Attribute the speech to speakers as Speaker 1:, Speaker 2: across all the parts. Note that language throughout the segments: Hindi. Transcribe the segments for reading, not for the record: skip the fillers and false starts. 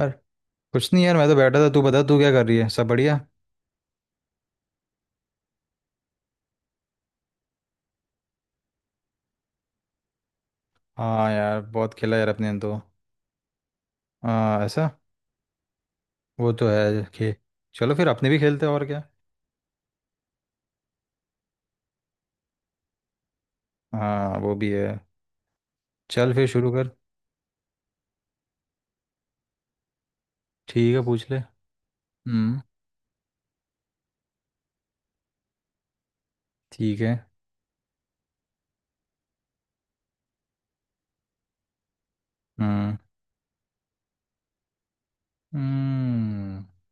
Speaker 1: यार कुछ नहीं यार, मैं तो बैठा था। तू बता, तू क्या कर रही है? सब बढ़िया? हाँ यार, बहुत खेला यार अपने तो। हाँ ऐसा। वो तो है खे चलो, फिर अपने भी खेलते हैं और क्या। हाँ वो भी है। चल फिर शुरू कर। ठीक है पूछ ले। हम्म। ठीक है। हम्म। हम्म।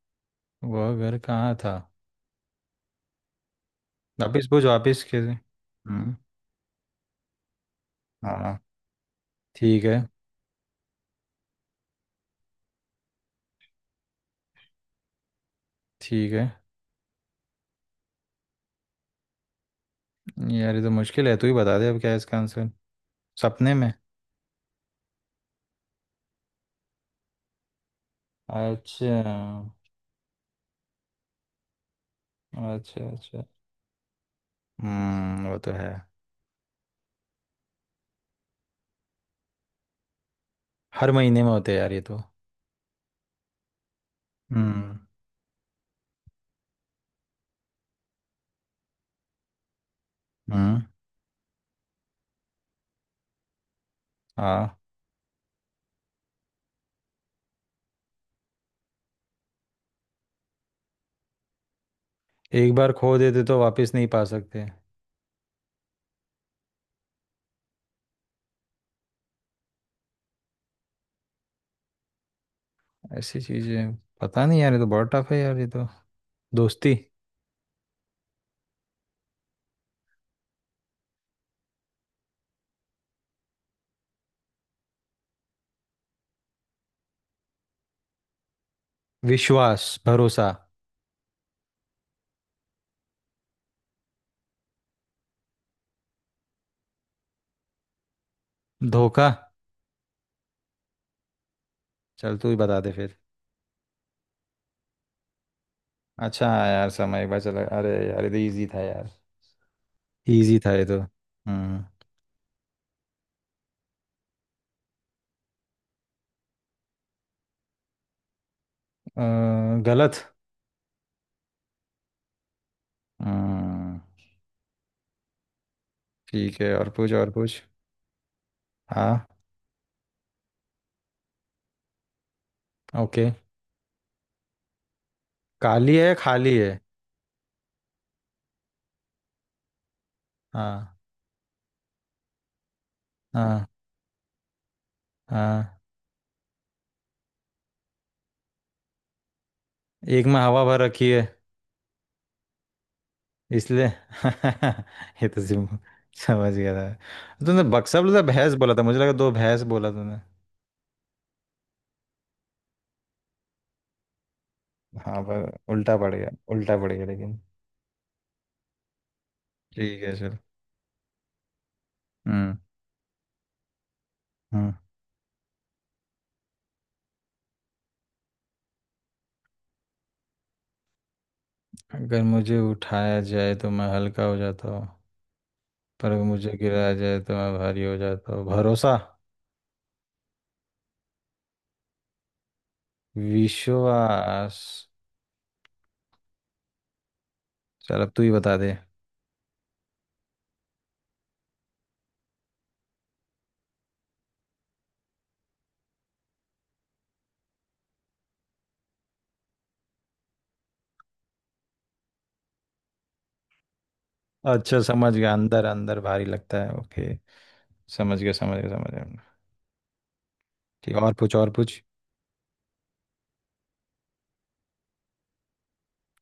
Speaker 1: वो घर कहाँ था? वापिस पूछ, वापिस खेल। हम्म। हाँ, ठीक है। ठीक है यार, ये तो मुश्किल है। तू ही बता दे अब, क्या है इसका आंसर? सपने में? अच्छा अच्छा। अच्छा, वो तो है। हर महीने में होते हैं यार ये तो। हम्म। हम्म। हाँ। एक बार खो देते तो वापस नहीं पा सकते? ऐसी चीजें। पता नहीं यार, ये तो बहुत टफ है यार ये तो। दोस्ती। विश्वास? भरोसा? धोखा? चल तू ही बता दे फिर। अच्छा, हाँ यार समय बच लग अरे यार, ये तो इजी था यार। इजी था ये तो। हम्म। गलत। हम्म। ठीक है, और पूछ और पूछ। हाँ। ओके। काली है, खाली है? हाँ। हाँ। हाँ, एक में हवा भर रखी है। इसलिए ये तो सिम समझ गया था। तूने बक्सा बोला था, भैंस बोला था, मुझे लगा दो भैंस बोला तूने। हाँ, पर उल्टा पड़ गया, उल्टा पड़ गया लेकिन। ठीक है चल। हम्म। हम्म। अगर मुझे उठाया जाए तो मैं हल्का हो जाता हूँ। पर अगर मुझे गिराया जाए तो मैं भारी हो जाता हूँ। भरोसा? विश्वास? चल, अब तू ही बता दे। अच्छा, समझ गया। अंदर अंदर भारी लगता है। ओके। समझ गया, समझ गया, समझ गया। ठीक है, और पूछ और पूछ।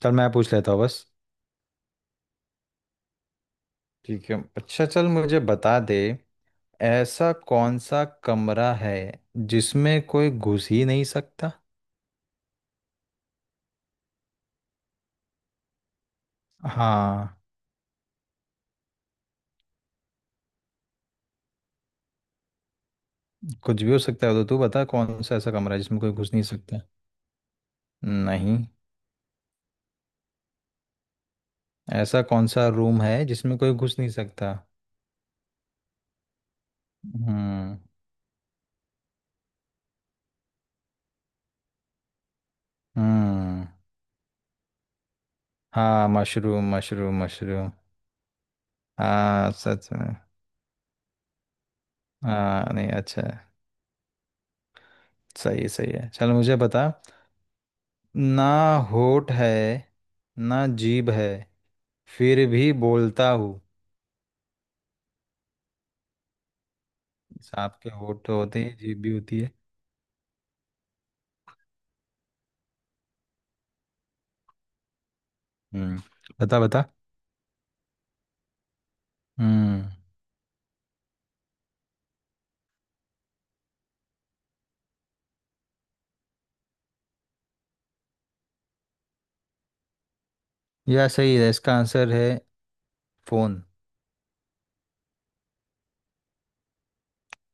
Speaker 1: चल मैं पूछ लेता हूँ बस। ठीक है, अच्छा चल मुझे बता दे। ऐसा कौन सा कमरा है जिसमें कोई घुस ही नहीं सकता? हाँ। कुछ भी हो सकता है, तो तू बता कौन सा ऐसा कमरा है जिसमें कोई घुस नहीं सकता? नहीं। ऐसा कौन सा रूम है जिसमें कोई घुस नहीं सकता? हम्म। हम्म। हाँ मशरूम, मशरूम, मशरूम। हाँ, सच में। हाँ नहीं, अच्छा है, सही है, सही है, चल मुझे बता। ना होठ है, ना जीभ है, फिर भी बोलता हूँ। सांप के होंठ तो होते हैं, जीभ भी होती है। हम्म। बता बता। हम्म। यह सही है, इसका आंसर है फोन।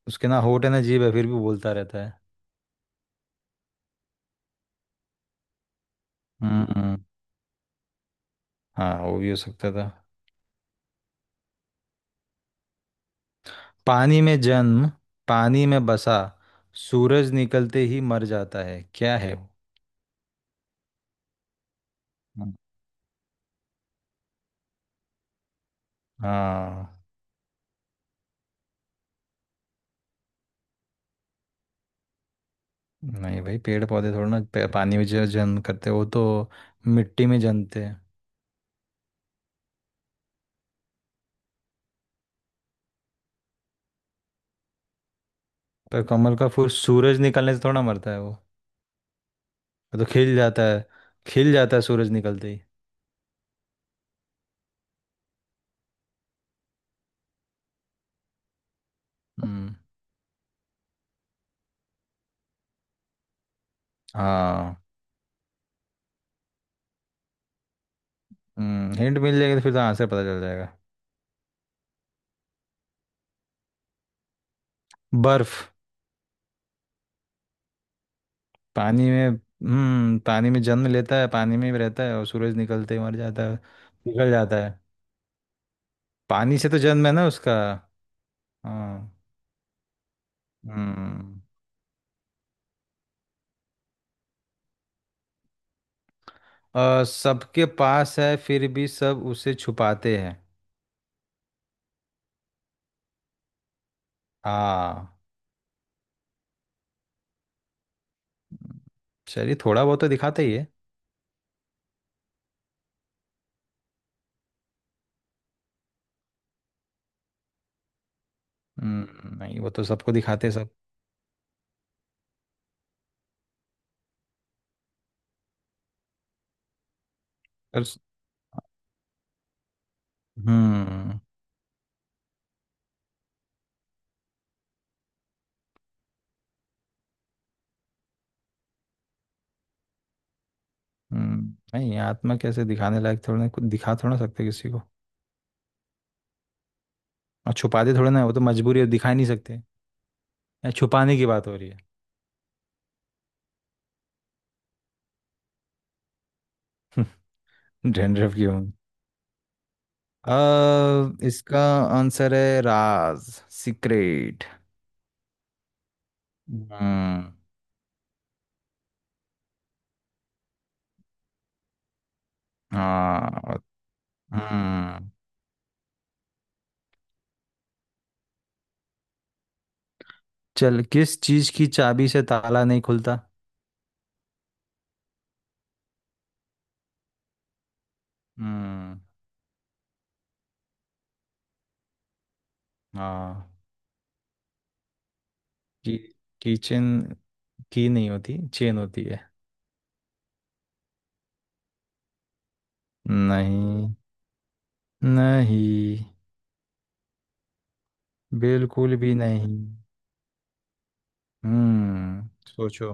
Speaker 1: उसके ना होंठ है, ना जीभ है, फिर भी बोलता रहता है। हम्म। हाँ, वो भी हो सकता था। पानी में जन्म, पानी में बसा, सूरज निकलते ही मर जाता है। क्या है वो? हम्म। हाँ। नहीं भाई, पेड़ पौधे थोड़ा ना। पानी में जो जन्म करते हैं, वो तो मिट्टी में जन्मते हैं। पर कमल का फूल सूरज निकलने से थोड़ा मरता है वो? वो तो खिल जाता है। खिल जाता है सूरज निकलते ही। हम्म। हाँ। हिंट मिल जाएगी तो फिर तो आंसर पता चल जाएगा। बर्फ। पानी में जन्म लेता है, पानी में ही रहता है और सूरज निकलते ही मर जाता है। पिघल जाता है। पानी से तो जन्म है ना उसका। हाँ। हम्म। सबके पास है फिर भी सब उसे छुपाते हैं। हाँ। चलिए, थोड़ा बहुत तो दिखाते ही है। हम्म, नहीं, वो तो सबको दिखाते हैं सब। पर- हम्म। नहीं, आत्मा कैसे? दिखाने लायक थोड़ा ना कुछ, दिखा थोड़ा ना सकते किसी को। और छुपा दे थोड़ा ना, वो तो मजबूरी है, दिखा ही नहीं सकते यहाँ। छुपाने की बात हो रही है। डैंड्रफ की होंगी। इसका आंसर है राज, सीक्रेट। हम्म। हाँ। हम्म। चल, किस चीज की चाबी से ताला नहीं खुलता? हम्म। हाँ। की किचन। की नहीं होती, चेन होती है। नहीं, नहीं। बिल्कुल भी नहीं। सोचो।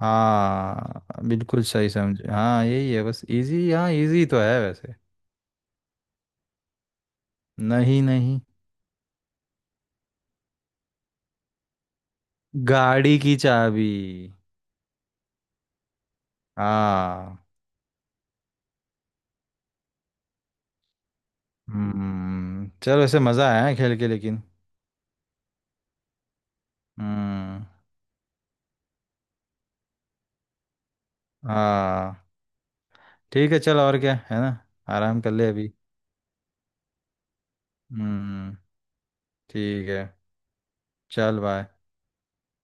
Speaker 1: हाँ बिल्कुल, सही समझे। हाँ यही है बस, इजी। हाँ, इजी तो है वैसे। नहीं, नहीं। गाड़ी की चाबी। हाँ। हम्म। चलो, ऐसे मज़ा आया है खेल के लेकिन। हम्म। हाँ। ठीक है चल, और क्या है ना। आराम कर ले अभी। हम्म। ठीक है, चल बाय।